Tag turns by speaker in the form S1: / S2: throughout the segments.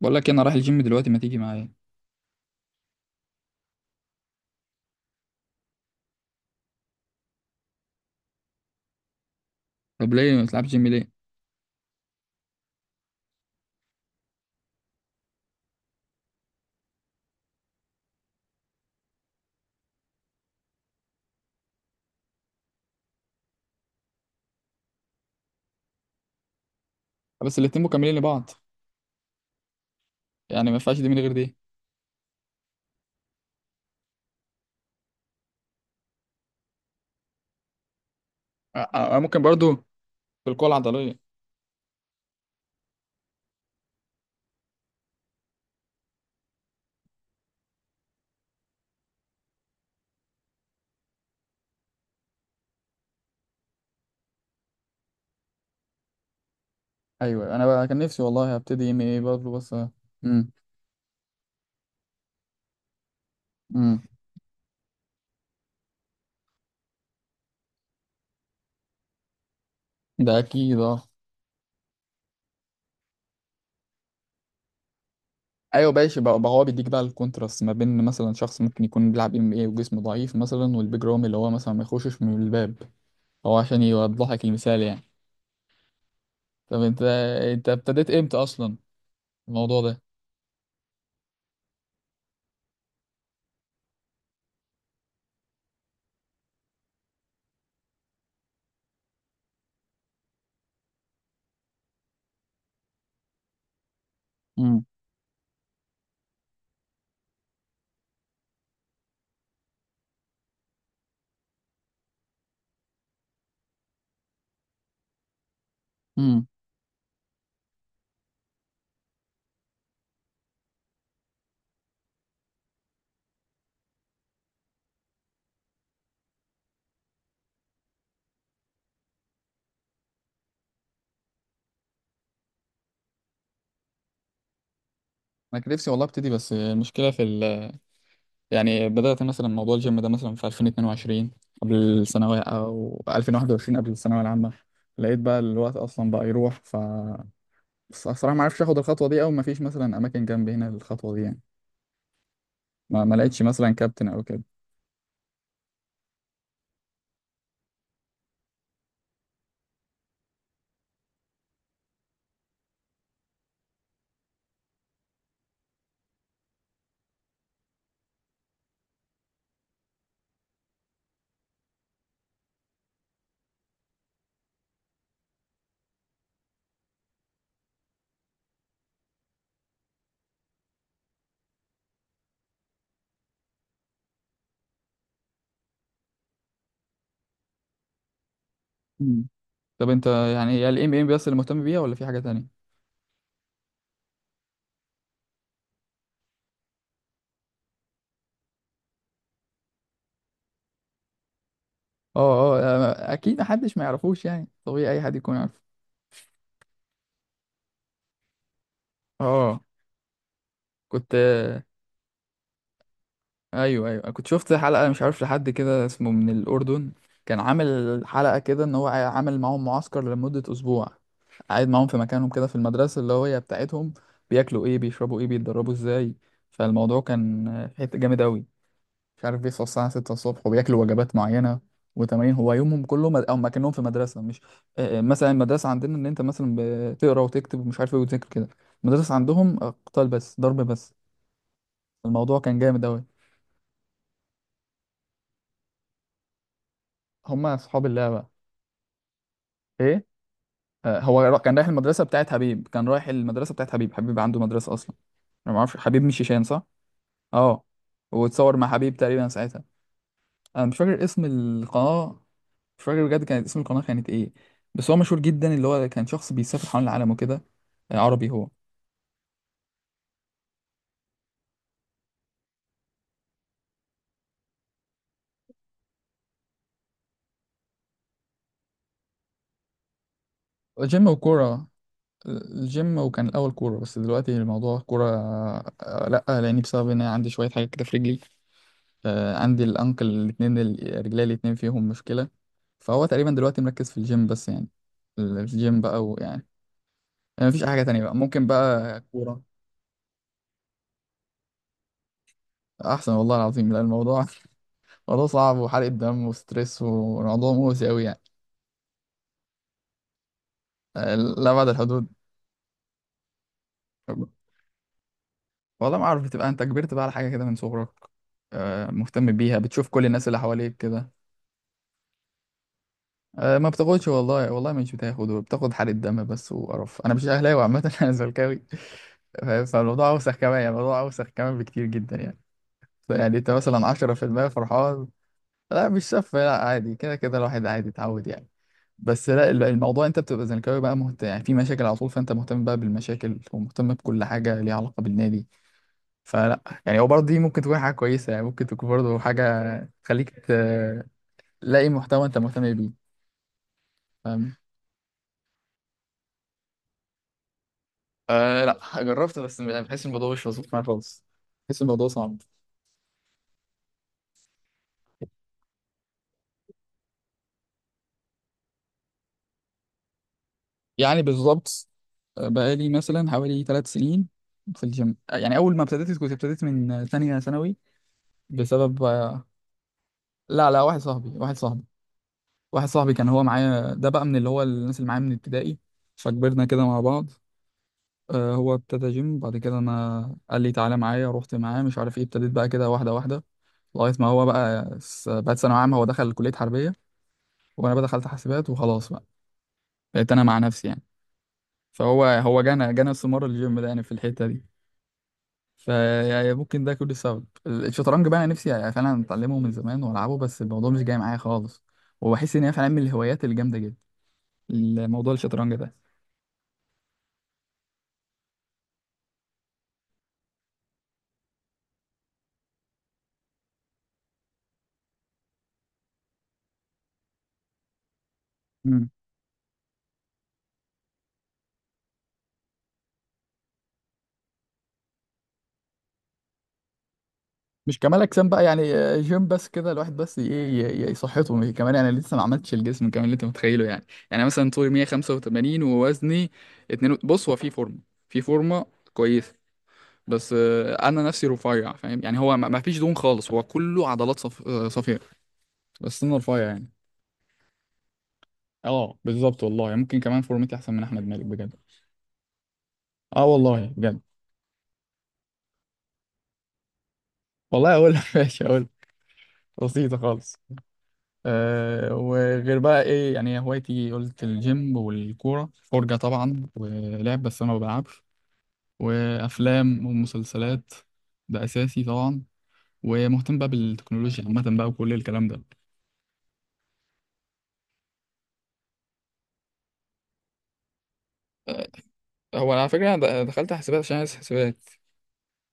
S1: بقول لك إيه، انا رايح الجيم دلوقتي ما تيجي معايا؟ طب ليه ما تلعبش جيم ليه؟ بس الاتنين مكملين لبعض. يعني ما ينفعش دي من غير دي. أنا ممكن برضو في القوة العضلية. ايوه انا بقى كان نفسي والله هبتدي MMA برضه بس. امم. امم. ده اكيد اه. ايوه ماشي بقى هو بيديك بقى الكونتراست ما بين مثلا شخص ممكن يكون بيلعب MMA وجسمه ضعيف مثلا والبيج رامي اللي هو مثلا ما يخشش من الباب. هو عشان يوضح لك المثال يعني. طب انت ابتديت امتى اصلا؟ الموضوع ده. امم. امم. انا كان نفسي والله ابتدي بس المشكله في يعني بدأت مثلا موضوع الجيم ده مثلا في 2022، قبل الثانوية، أو 2021 قبل الثانوية العامة. لقيت بقى الوقت أصلا بقى يروح بس الصراحة ما عرفش آخد الخطوة دي أو ما فيش مثلا أماكن جنبي هنا للخطوة دي يعني. ما لقيتش مثلا كابتن أو كده. مم. طب أنت يعني هي ال MMA بس اللي مهتم بيها ولا في حاجة تانية؟ أه، أه، أكيد محدش ما يعرفوش يعني طبيعي أي حد يكون عارف. أه. كنت ايوه، ايوه، أنا كنت شفت حلقه مش عارف لحد كده اسمه من الاردن. كان عامل حلقه كده ان هو عامل معاهم معسكر لمده اسبوع. قاعد معاهم في مكانهم كده في المدرسه اللي هي بتاعتهم. بياكلوا ايه، بيشربوا ايه، بيتدربوا ازاي؟ فالموضوع كان في حته جامد قوي. مش عارف بيصحوا الساعه 6 الصبح وبياكلوا وجبات معينه وتمارين. هو يومهم كله او كانهم في مدرسه مش مثلا المدرسه عندنا ان انت مثلا بتقرا وتكتب ومش عارف ايه وتذاكر كده. المدرسه عندهم قتال بس، ضرب بس. الموضوع كان جامد قوي. هما اصحاب اللعبه. ايه. هو كان رايح المدرسة بتاعت حبيب كان رايح المدرسة بتاعت حبيب. حبيب عنده مدرسة أصلا. أنا ما أعرفش، حبيب مش هشام صح؟ أه. واتصور مع حبيب تقريبا ساعتها. أنا مش فاكر اسم القناة. مش فاكر بجد كانت اسم القناة كانت إيه. بس هو مشهور جدا، اللي هو كان شخص بيسافر حول العالم وكده. عربي هو. جيم وكورة، آه، الجيم، وكان الأول كورة بس دلوقتي الموضوع كورة لأ، لأني بسبب إن أنا عندي شوية حاجة كده في رجلي. عندي الانكل الاتنين، رجلي الاتنين فيهم مشكلة. فهو تقريبا دلوقتي مركز في الجيم بس يعني. الجيم بقى، ويعني. يعني مفيش أي حاجة تانية بقى، ممكن بقى كورة. أحسن والله العظيم، لا الموضوع موضوع صعب وحرق دم وستريس وموضوع مؤذي أوي يعني. لا، بعد الحدود. والله ما أعرف، بتبقى أنت كبرت بقى على حاجة كده من صغرك. مهتم بيها، بتشوف كل الناس اللي حواليك كده. ما بتاخدش، والله والله مش بتاخد، بتاخد حرق الدم بس وقرف. أنا مش أهلاوي عامة أنا زملكاوي، فاهم؟ فالموضوع أوسخ كمان يعني، الموضوع أوسخ كمان بكتير جدا يعني. يعني أنت مثلا 10% فرحان. لا مش سف، لا عادي، كده كده الواحد عادي اتعود يعني. بس لا، الموضوع، أنت بتبقى زملكاوي بقى مهتم يعني في مشاكل على طول، فأنت مهتم بقى بالمشاكل، ومهتم بكل حاجة ليها علاقة بالنادي. فلا، يعني هو برضه دي ممكن تكون حاجة كويسة، يعني ممكن تكون برضه حاجة تخليك تلاقي محتوى أنت مهتم بيه. فاهم. آه، لا، جربت بس بحس الموضوع مش مظبوط معايا خالص. بحس الموضوع صعب. يعني بالظبط بقالي مثلا حوالي 3 سنين في الجيم. يعني اول ما ابتديت كنت ابتديت من ثانيه ثانوي، بسبب. لا، لا، واحد صاحبي كان هو معايا، ده بقى من اللي هو الناس اللي معايا من ابتدائي. فكبرنا كده مع بعض. هو ابتدى جيم بعد كده، انا قال لي تعالى معايا، رحت معاه مش عارف ايه، ابتديت بقى كده واحده واحده. لغايه ما بقت ثانويه عامه، هو دخل كليه حربيه وانا بقى دخلت حاسبات وخلاص بقى. بقيت انا مع نفسي يعني. فهو جانا استمرار الجيم ده يعني في الحته دي. فيعني ممكن ده كل سبب. الشطرنج بقى انا نفسي يعني فعلا اتعلمه من زمان والعبه، بس الموضوع مش جاي معايا خالص. وبحس ان هي فعلا من الهوايات الجامده جدا، الموضوع الشطرنج ده. مم. مش كمال اجسام بقى يعني، جيم بس كده الواحد، بس ايه يصحته، كمان انا لسه ما عملتش الجسم كمان اللي انت متخيله يعني. يعني مثلا طولي 185 ووزني 2. بص هو في فورمه كويسه، بس انا نفسي رفيع، فاهم يعني. هو ما فيش دهون خالص، هو كله عضلات صف... آه، صفياء. بس انا رفيع يعني. اه بالظبط والله، يعني ممكن كمان فورمتي احسن من احمد مالك بجد. اه والله بجد. والله اقول ماشي اقول. بسيطه خالص. أه، وغير بقى ايه يعني هوايتي؟ قلت الجيم والكوره، فرجه طبعا، ولعب بس انا ما بلعبش، وافلام ومسلسلات، ده اساسي طبعا. ومهتم بقى بالتكنولوجيا عامه بقى وكل الكلام ده. آه، هو على فكرة أنا دخلت حسابات عشان عايز حسابات.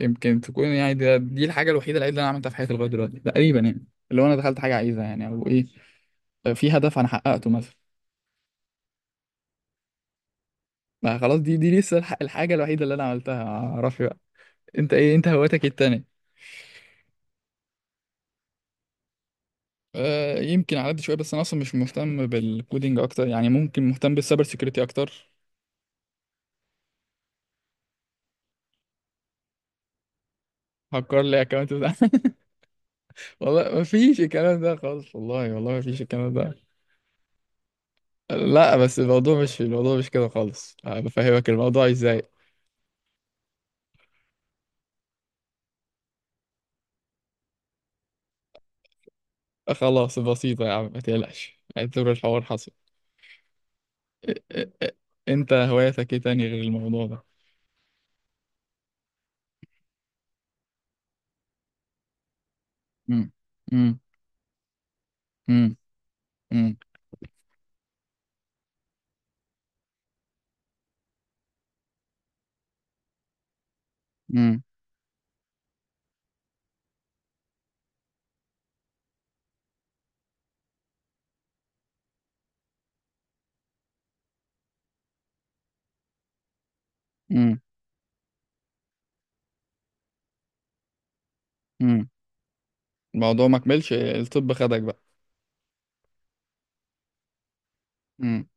S1: يمكن تكون يعني دي الحاجة الوحيدة العيب اللي أنا عملتها في حياتي لغاية دلوقتي تقريبا يعني، اللي هو أنا دخلت حاجة عايزها يعني، أو إيه، في هدف انا حققته مثلا. ما خلاص، دي لسه الحاجه الوحيده اللي انا عملتها، معرفش بقى. انت ايه، انت هوايتك إيه التانية؟ أه يمكن على قد شويه، بس انا اصلا مش مهتم بالكودينج اكتر، يعني ممكن مهتم بالسايبر سيكيورتي اكتر. هكر لي اكونت بتاع والله ما فيش الكلام ده خالص، والله والله ما فيش الكلام ده. لا بس الموضوع، مش كده خالص. بفهمك الموضوع ازاي. خلاص بسيطه يا عم، ما تقلقش، اعتبر الحوار حصل. أه. أه. أه. انت هوايتك ايه تاني غير الموضوع ده؟ امم. امم. امم. امم. امم. الموضوع ما كملش الطب خدك بقى. امم.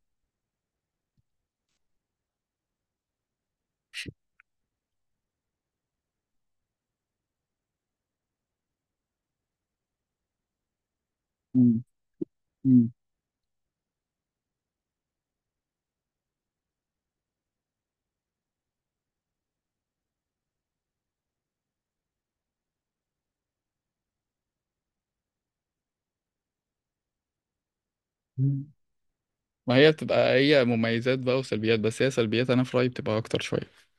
S1: امم. امم. ما هي بتبقى هي مميزات بقى وسلبيات، بس هي سلبيات انا في رأيي بتبقى اكتر شوية،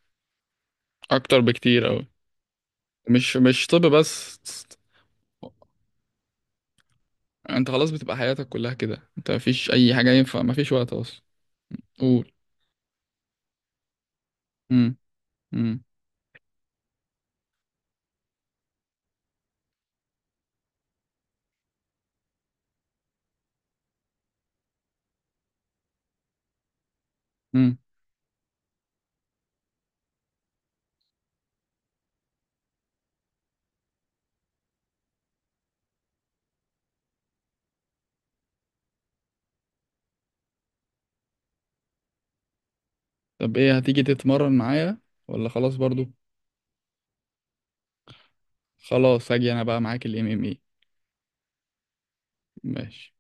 S1: اكتر بكتير اوي. مش طب بس، انت خلاص بتبقى حياتك كلها كده، انت مفيش اي حاجة ينفع، مفيش وقت اصلا. قول. امم. امم. امم. طب ايه، هتيجي تتمرن معايا ولا خلاص برضو؟ خلاص هاجي انا بقى معاك الMMA. ماشي.